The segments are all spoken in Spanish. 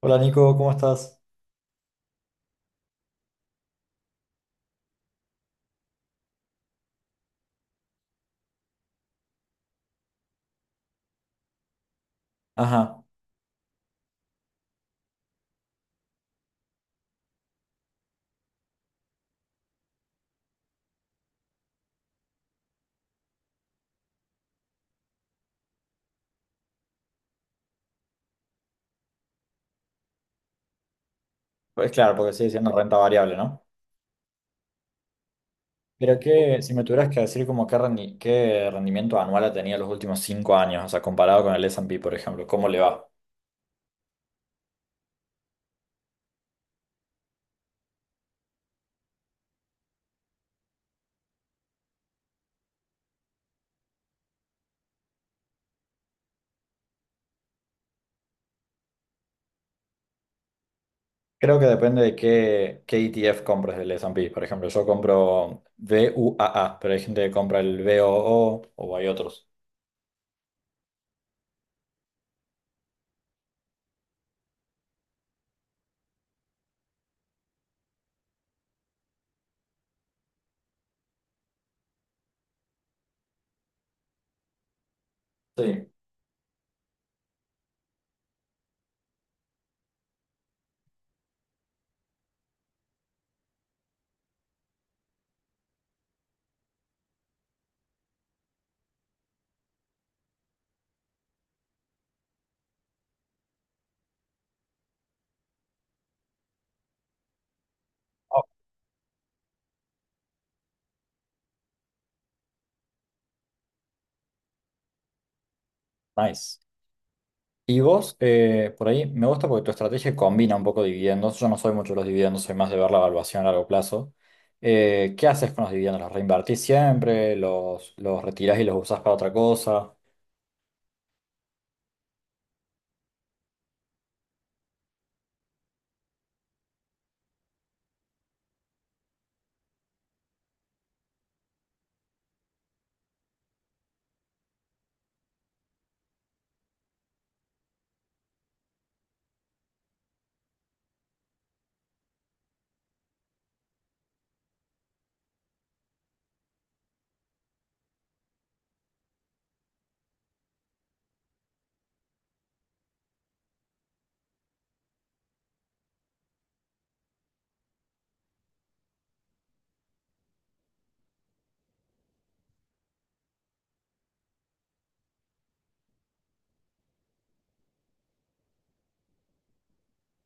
Hola Nico, ¿cómo estás? Ajá, pues claro, porque sigue siendo renta variable, ¿no? Pero que si me tuvieras que decir como qué, qué rendimiento anual ha tenido los últimos 5 años, o sea, comparado con el S&P, por ejemplo, ¿cómo le va? Creo que depende de qué ETF compres del S&P. Por ejemplo, yo compro VUAA, pero hay gente que compra el VOO o hay otros. Sí. Oh, nice. Y vos, por ahí, me gusta porque tu estrategia combina un poco dividendos. Yo no soy mucho de los dividendos, soy más de ver la evaluación a largo plazo. ¿Qué haces con los dividendos? ¿Los reinvertís siempre? ¿Los retirás y los usás para otra cosa?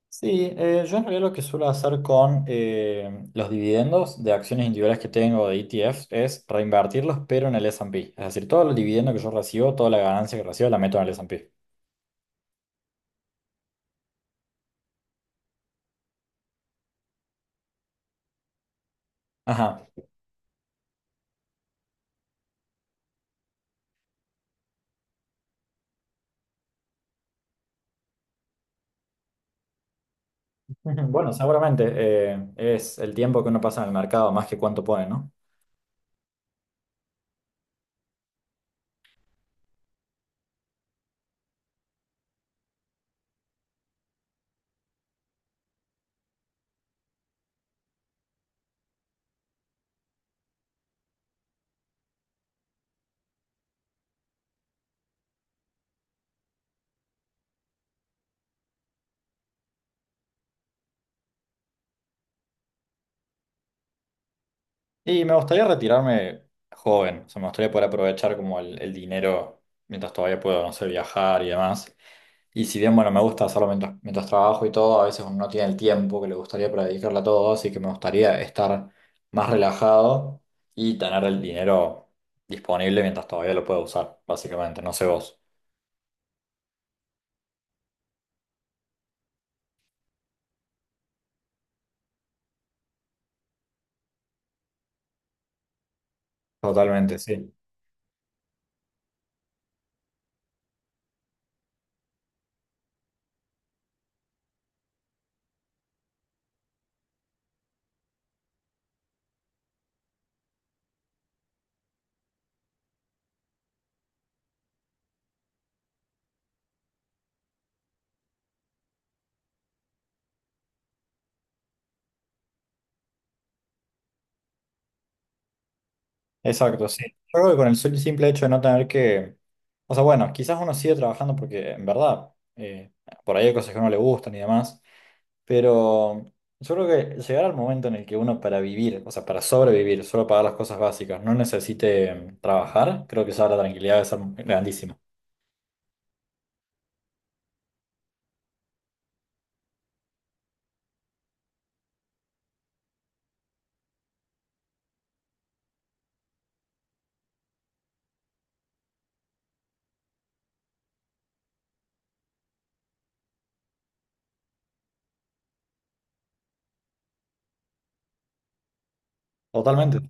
Sí, yo en realidad lo que suelo hacer con los dividendos de acciones individuales que tengo de ETFs es reinvertirlos, pero en el S&P. Es decir, todo el dividendo que yo recibo, toda la ganancia que recibo, la meto en el S&P. Ajá. Ujú. Bueno, seguramente es el tiempo que uno pasa en el mercado más que cuánto pone, ¿no? Y me gustaría retirarme joven, o sea, me gustaría poder aprovechar como el dinero mientras todavía puedo, no sé, viajar y demás. Y si bien, bueno, me gusta hacerlo mientras trabajo y todo, a veces uno no tiene el tiempo que le gustaría para dedicarle a todo, así que me gustaría estar más relajado y tener el dinero disponible mientras todavía lo puedo usar, básicamente, no sé vos. Totalmente, sí. Exacto, sí. Yo creo que con el simple hecho de no tener que... O sea, bueno, quizás uno sigue trabajando porque en verdad, por ahí hay cosas que no le gustan y demás. Pero yo creo que llegar al momento en el que uno para vivir, o sea, para sobrevivir, solo pagar las cosas básicas, no necesite trabajar, creo que ya la tranquilidad debe ser grandísima. Totalmente.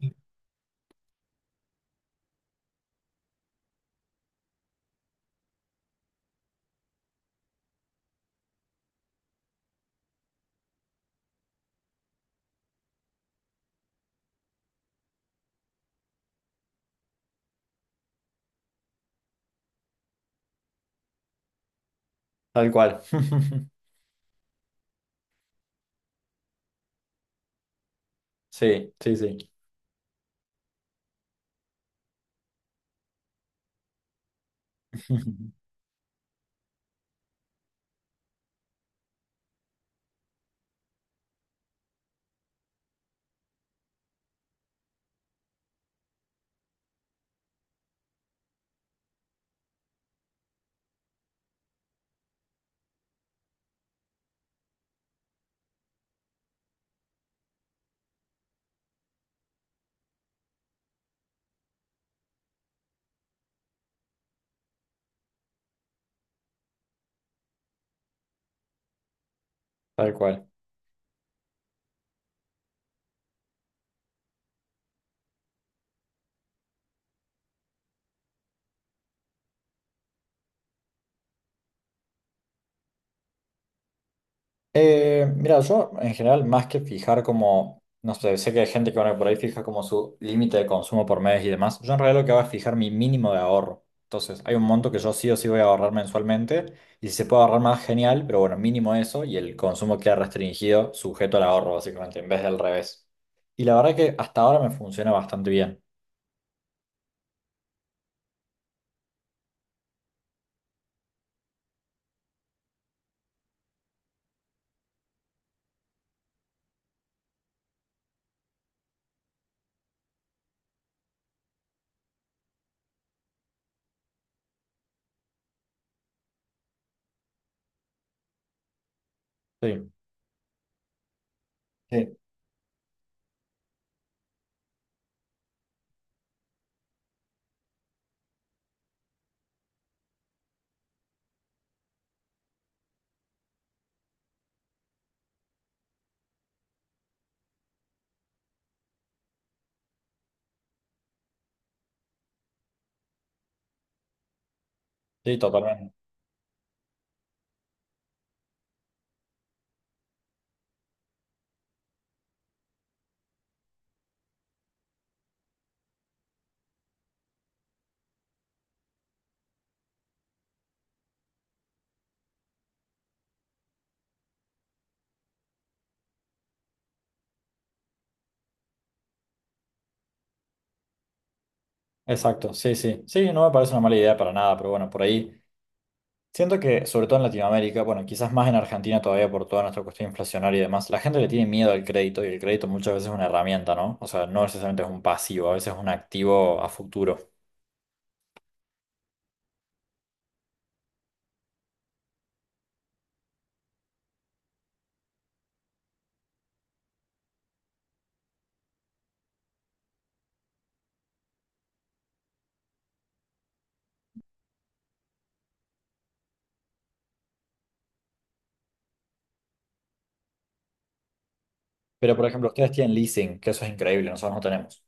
Tal cual. Sí, sí, sí. Tal cual. Mira, yo en general, más que fijar como, no sé, sé que hay gente que bueno, por ahí fija como su límite de consumo por mes y demás, yo en realidad lo que hago es fijar mi mínimo de ahorro. Entonces, hay un monto que yo sí o sí voy a ahorrar mensualmente y si se puede ahorrar más, genial, pero bueno, mínimo eso y el consumo queda restringido, sujeto al ahorro, básicamente, en vez del revés. Y la verdad que hasta ahora me funciona bastante bien. Sí, sí, sí, totalmente. Exacto, sí, sí. Sí, no me parece una mala idea para nada, pero bueno, por ahí. Siento que, sobre todo en Latinoamérica, bueno, quizás más en Argentina todavía por toda nuestra cuestión inflacionaria y demás, la gente le tiene miedo al crédito y el crédito muchas veces es una herramienta, ¿no? O sea, no necesariamente es un pasivo, a veces es un activo a futuro. Pero, por ejemplo, ustedes tienen leasing, que eso es increíble, nosotros no tenemos.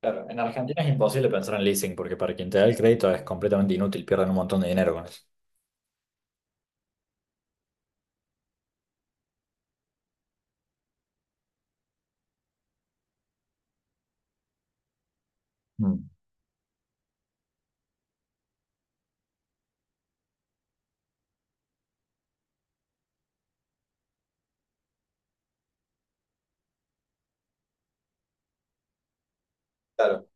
Claro, en Argentina es imposible pensar en leasing porque para quien te da el crédito es completamente inútil, pierden un montón de dinero con eso. Mm. Claro.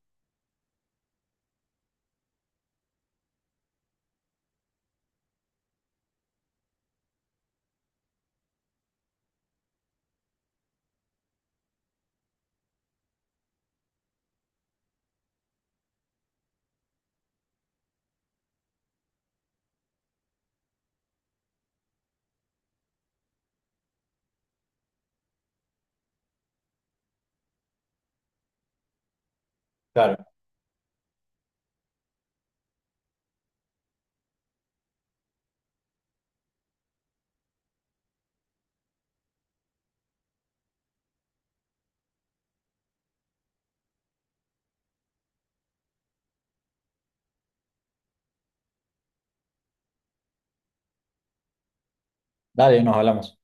Claro. Dale, nos hablamos.